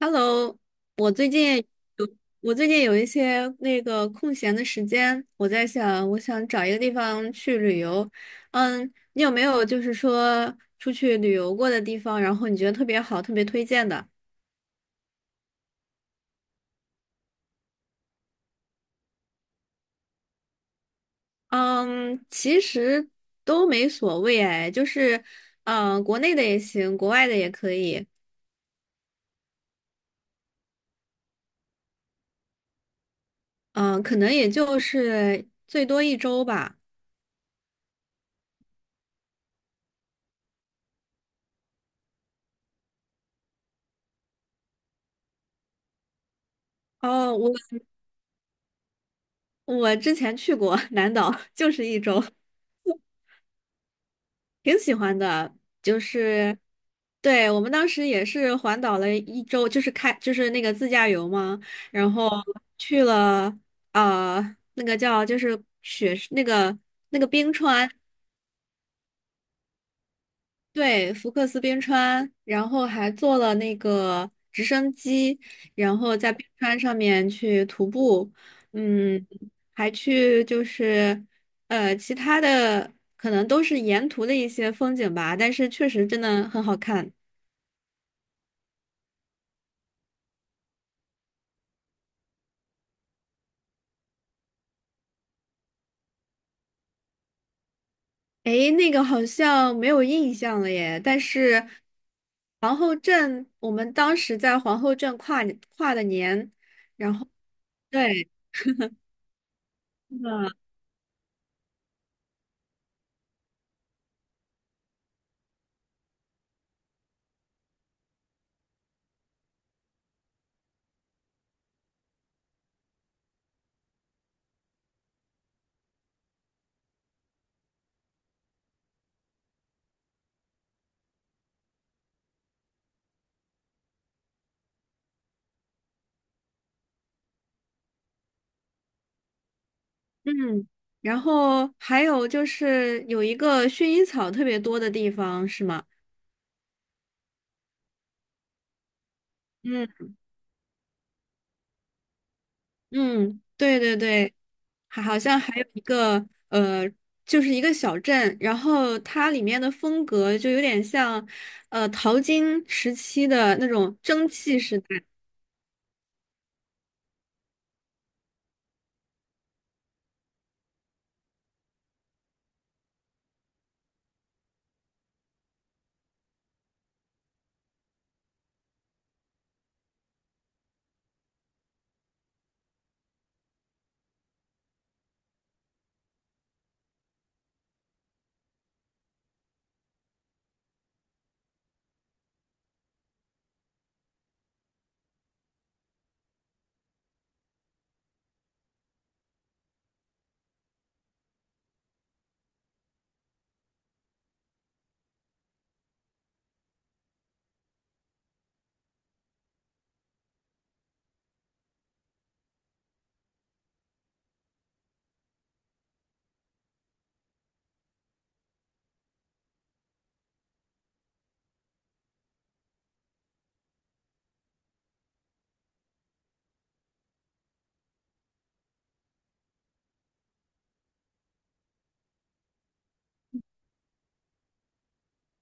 Hello，我最近有一些那个空闲的时间，我在想，我想找一个地方去旅游。嗯，你有没有就是说出去旅游过的地方，然后你觉得特别好、特别推荐的？嗯，其实都没所谓哎，就是国内的也行，国外的也可以。嗯、可能也就是最多一周吧。哦，我之前去过 南岛，就是1周。挺喜欢的，就是对我们当时也是环岛了一周，就是那个自驾游嘛，然后去了那个叫就是雪那个那个冰川，对，福克斯冰川，然后还坐了那个直升机，然后在冰川上面去徒步。嗯，还去就是其他的可能都是沿途的一些风景吧，但是确实真的很好看。诶，那个好像没有印象了耶，但是皇后镇，我们当时在皇后镇跨的年，然后对。嗯，然后还有就是有一个薰衣草特别多的地方，是吗？嗯嗯，对对对，还好像还有一个，就是一个小镇，然后它里面的风格就有点像淘金时期的那种蒸汽时代。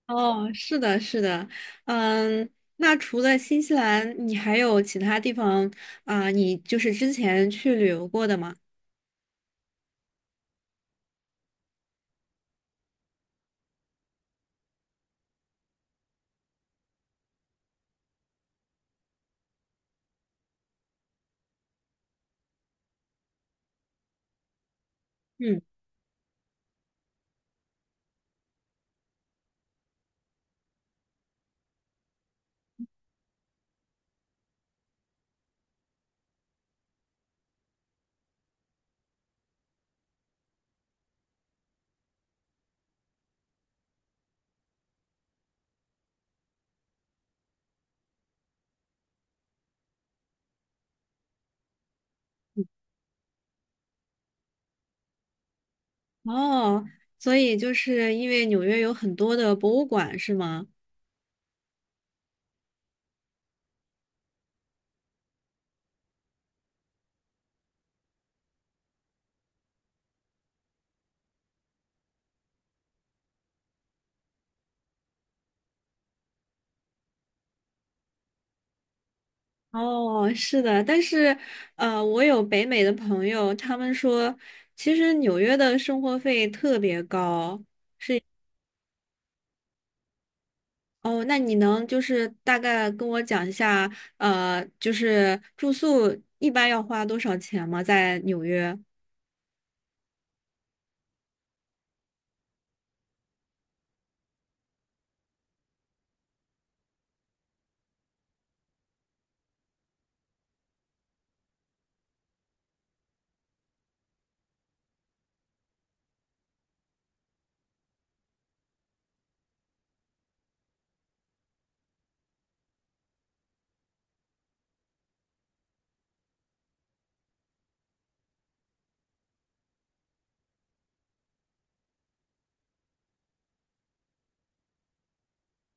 哦，是的，是的，嗯，那除了新西兰，你还有其他地方啊，你就是之前去旅游过的吗？嗯。哦，所以就是因为纽约有很多的博物馆，是吗？哦，是的，但是，我有北美的朋友，他们说，其实纽约的生活费特别高。哦，那你能就是大概跟我讲一下，就是住宿一般要花多少钱吗？在纽约？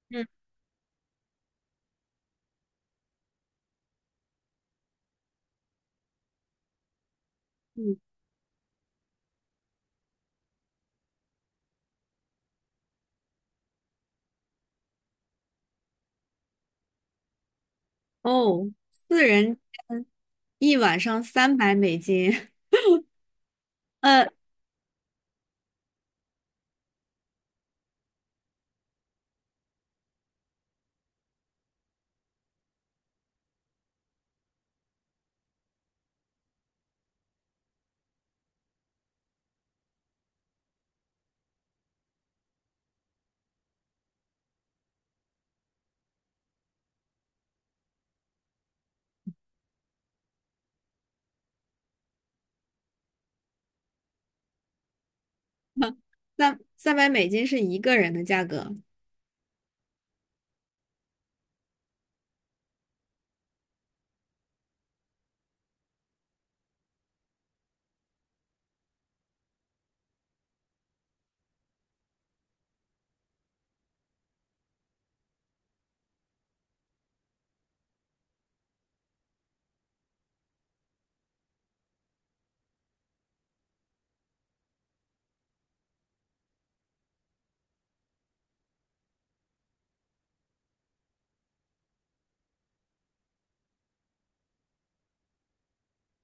嗯嗯，哦，四人间一晚上三百美金，呃，三百美金是一个人的价格。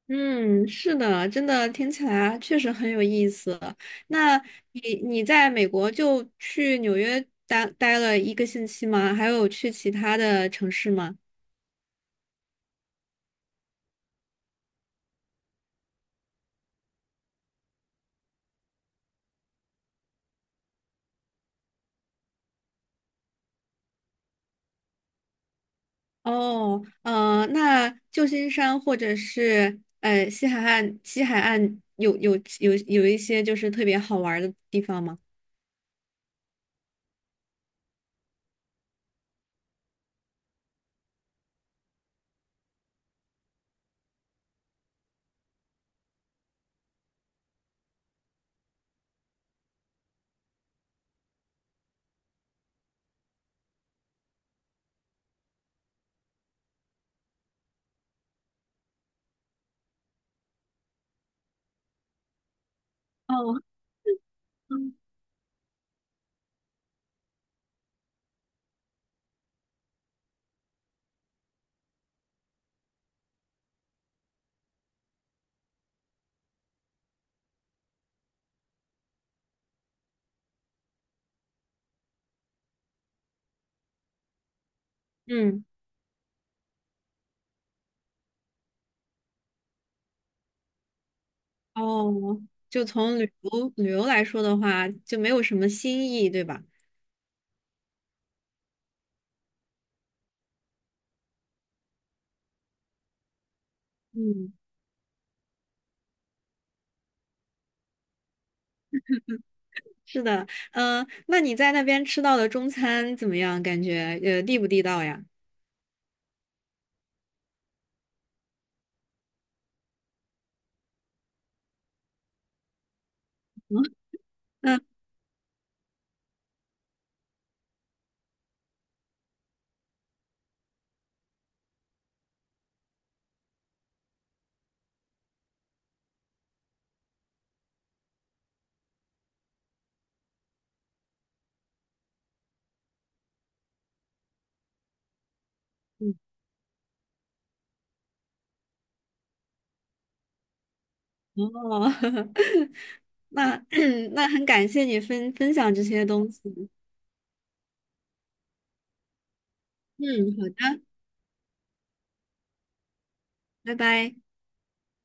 嗯，是的，真的听起来确实很有意思。那你在美国就去纽约待了1个星期吗？还有去其他的城市吗？哦，那旧金山或者是西海岸，西海岸有有有一些就是特别好玩儿的地方吗？哦，嗯，嗯哦，就从旅游来说的话，就没有什么新意，对吧？嗯。是的，嗯、那你在那边吃到的中餐怎么样？感觉地不地道呀？嗯嗯哦，那 那很感谢你分享这些东西。嗯，好的，拜拜。